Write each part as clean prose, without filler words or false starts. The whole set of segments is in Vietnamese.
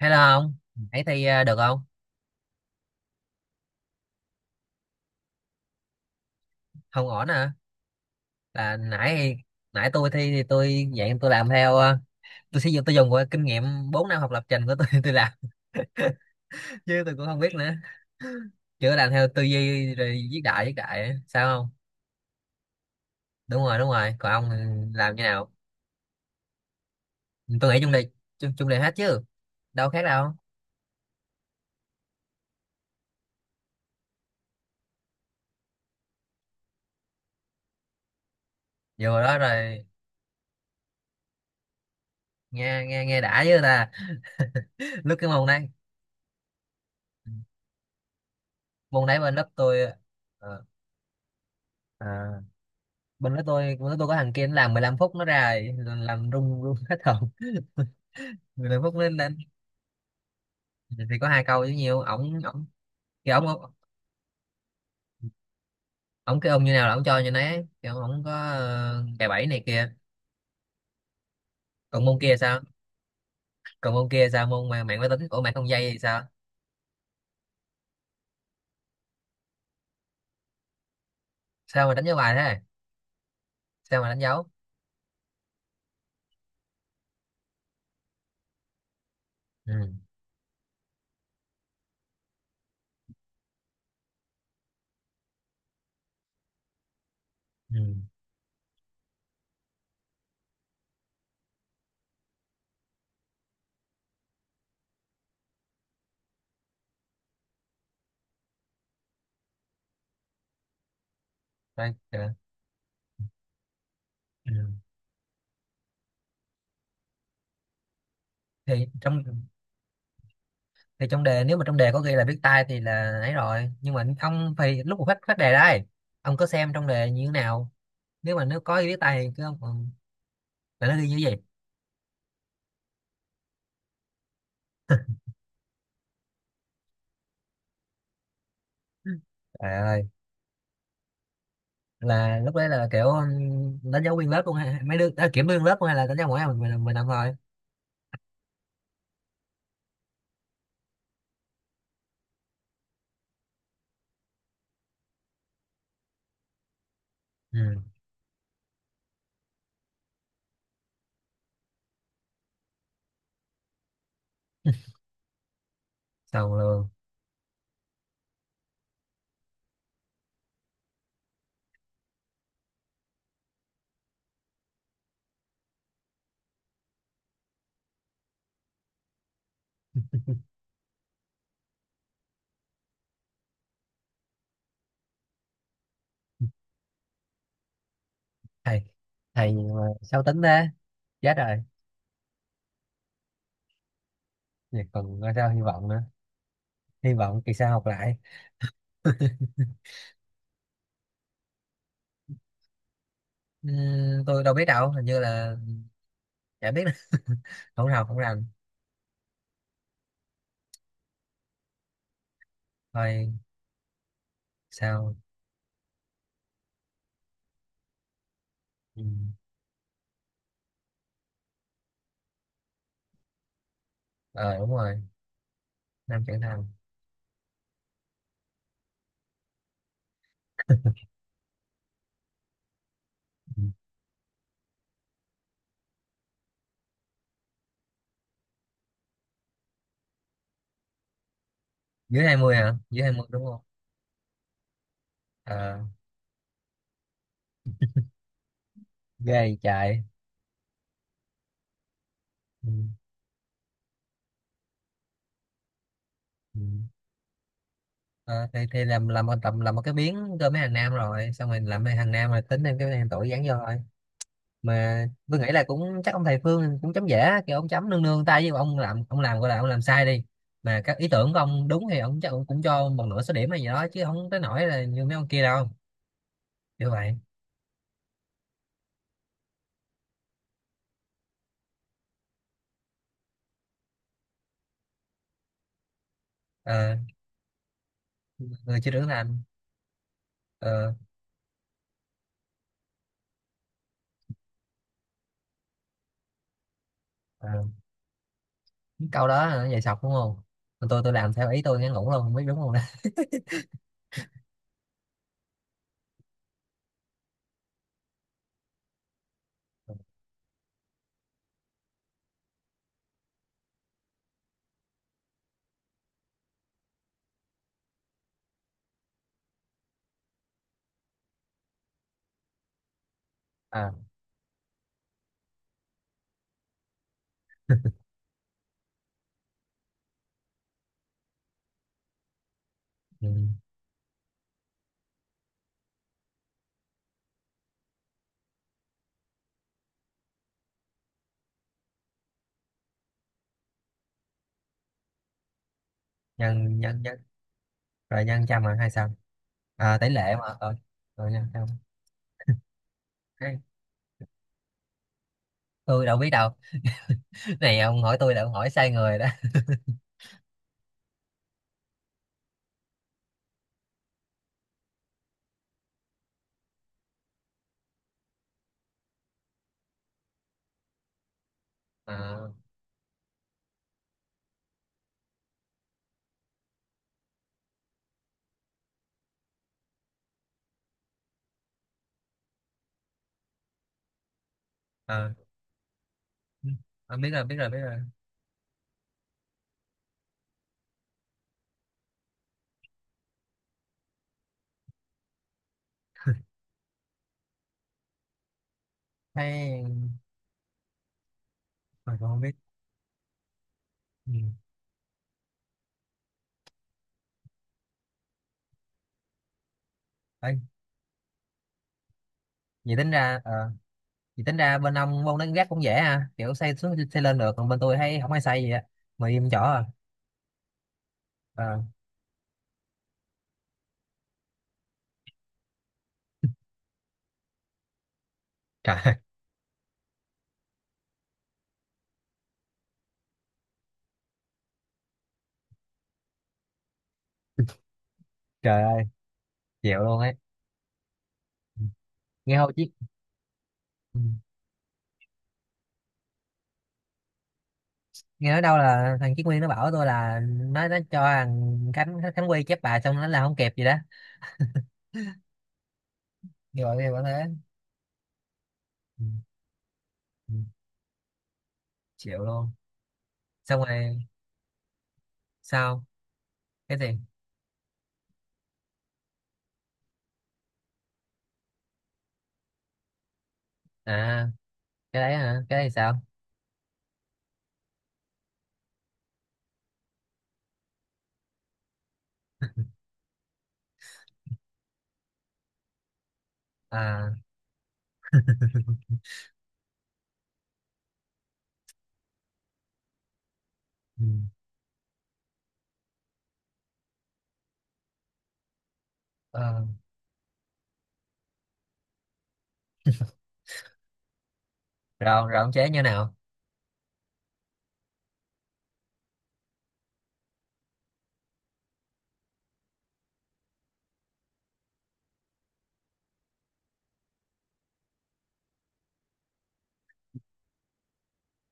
Hello không? Ấy thi được không? Không ổn à? Là nãy nãy tôi thi thì tôi dạng tôi làm theo tôi sử dụng tôi dùng qua kinh nghiệm 4 năm học lập trình của tôi tôi làm chứ tôi cũng không biết nữa. Chưa làm theo tư duy rồi viết đại á. Sao không? Đúng rồi, đúng rồi. Còn ông thì làm như nào? Tôi nghĩ chung đề hết chứ. Đâu khác đâu. Vừa đó rồi nghe nghe nghe đã chứ ta. Lúc cái môn đấy, môn đấy bên lớp tôi ờ, à, bên đó tôi có thằng kia nó làm 15 phút nó ra rồi, làm rung rung hết hồn. 15 phút lên lên thì có hai câu chứ nhiều, ổng ổng thì ổng ổng ổng cái ông như nào là ổng cho như nấy, thì ổng ổng có cài bẫy này kia. Còn môn kia sao còn môn kia sao, môn mà mạng máy tính của mạng không dây thì sao? Sao mà đánh dấu bài thế sao mà đánh dấu? Ừ. Ừ. Đây, kìa. Ừ. thì trong thì trong đề, nếu mà trong đề có ghi là viết tay thì là ấy rồi, nhưng mà ông phải lúc mà phát phát đề đây, ông có xem trong đề như thế nào. Nếu mà nó có ghi tay thì cứ không còn phải nó ghi như vậy. Trời ơi, là lúc đấy là kiểu đánh dấu nguyên lớp luôn hay mấy đứa, à, kiểm nguyên lớp luôn hay là đánh dấu mỗi ai mình làm thôi. Ừ. Xong luôn. Thầy thầy mà sao tính thế? Chết rồi. Vậy còn coi sao, hy vọng nữa, hy vọng kỳ sau học lại. Tôi đâu biết đâu, hình như là chả biết nữa. Không học không làm thôi. Sao? Ừ. Ờ đúng rồi, năm trưởng thành. Ừ. Dưới 20 hả, dưới 20 đúng không? Ờ, ghê chạy. Ừ. Ừ. Ờ, thì làm một tầm, làm một cái miếng cơm mấy hàng nam, rồi xong rồi làm mấy hàng nam rồi tính thêm cái hàng tuổi dán vô thôi. Mà tôi nghĩ là cũng chắc ông thầy Phương cũng chấm dễ, kiểu ông chấm nương nương tay với ông làm, ông làm gọi là ông làm sai đi mà các ý tưởng của ông đúng thì ông chắc ông cũng cho một nửa số điểm hay gì đó, chứ không tới nỗi là như mấy ông kia đâu. Như vậy. Ờ, người chưa trưởng thành. Ờ, ờ, câu đó là nó sọc đúng không? Còn tôi làm theo ý tôi ngắn ngủn luôn, không biết đúng không đó. À, ừ. Nhân nhân nhân rồi nhân trăm là hay sao? À, tỷ lệ mà, rồi, rồi nhân trăm. Cái- tôi đâu biết đâu. Này ông hỏi tôi là ông hỏi sai người đó. À, à. Ông biết rồi. Thấy mà còn không biết. Ừ. Ấy, vậy tính ra vậy tính ra bên ông môn đánh gác cũng dễ ha, kiểu xây xuống xây lên được, còn bên tôi thấy không ai xây gì á, mà im chỗ à. Ờ. Trời ơi, trời ơi, chịu luôn ấy. Ừ. Nghe hồi chứ. Ừ. Nghe nói đâu là thằng Chí Nguyên nó bảo tôi là nó cho thằng Khánh Khánh Quy chép bài xong nó là không kịp gì đó. Như vậy, như vậy thế. Ừ, ừ, chịu luôn. Xong rồi. Sao? Cái gì? À, cái đấy hả, cái đấy sao? À. Ừ, ờ, rồi rồi ông chế như nào?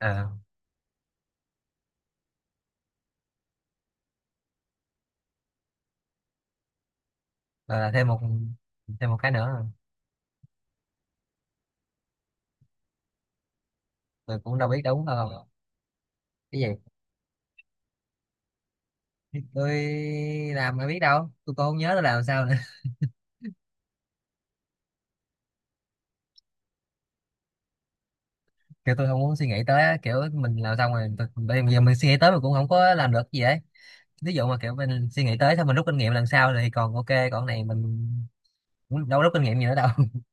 À rồi là thêm một, thêm một cái nữa à? Tôi cũng đâu biết đúng không. Cái gì? Tôi làm ai biết đâu, tôi cũng không nhớ tôi làm sao nữa. Kiểu tôi không muốn suy nghĩ tới á, kiểu mình làm xong rồi tôi- bây giờ mình suy nghĩ tới mình cũng không có làm được gì ấy. Ví dụ mà kiểu mình suy nghĩ tới xong mình rút kinh nghiệm lần sau thì còn ok, còn cái này mình cũng đâu có rút kinh nghiệm gì nữa đâu.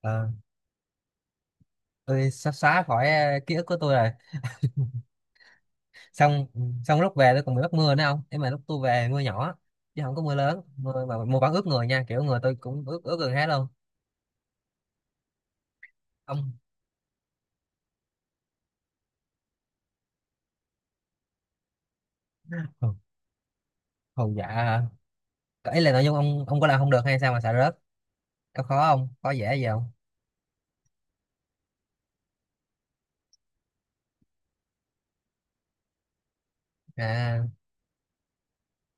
Ờ, tôi sắp xóa khỏi ký ức của tôi rồi. Xong xong lúc về tôi còn bị bắt mưa nữa không, nhưng mà lúc tôi về mưa nhỏ chứ không có mưa lớn, mưa mà mưa vẫn ướt người nha, kiểu người tôi cũng ướt ướt gần hết luôn. Ông hù hù dạ hả? Ấy là nội dung ông có làm không được hay sao mà sợ rớt? Có khó không, có dễ gì không? À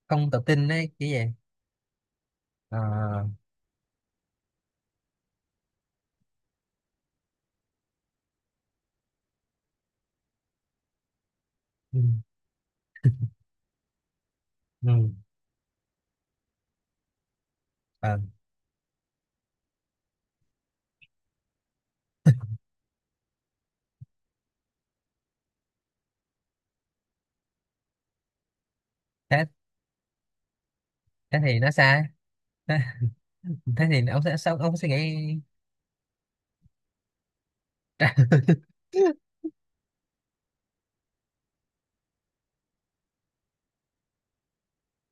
không tự tin đấy, cái gì? À, ừ, ừ. Ờ, thế, thế thì nó sai. Thế, thế thì ông sẽ sao, ông suy nghĩ?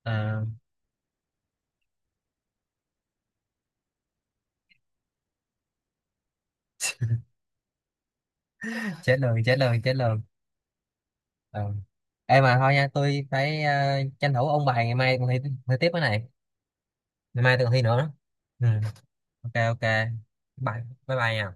À, trả lời trả lời. Ừ. Ê mà thôi nha, tôi phải tranh thủ ôn bài, ngày mai còn thi, thi tiếp cái này. Ngày mai tôi còn thi nữa. Ừ. Ok, ok. Bye, bye bye nha.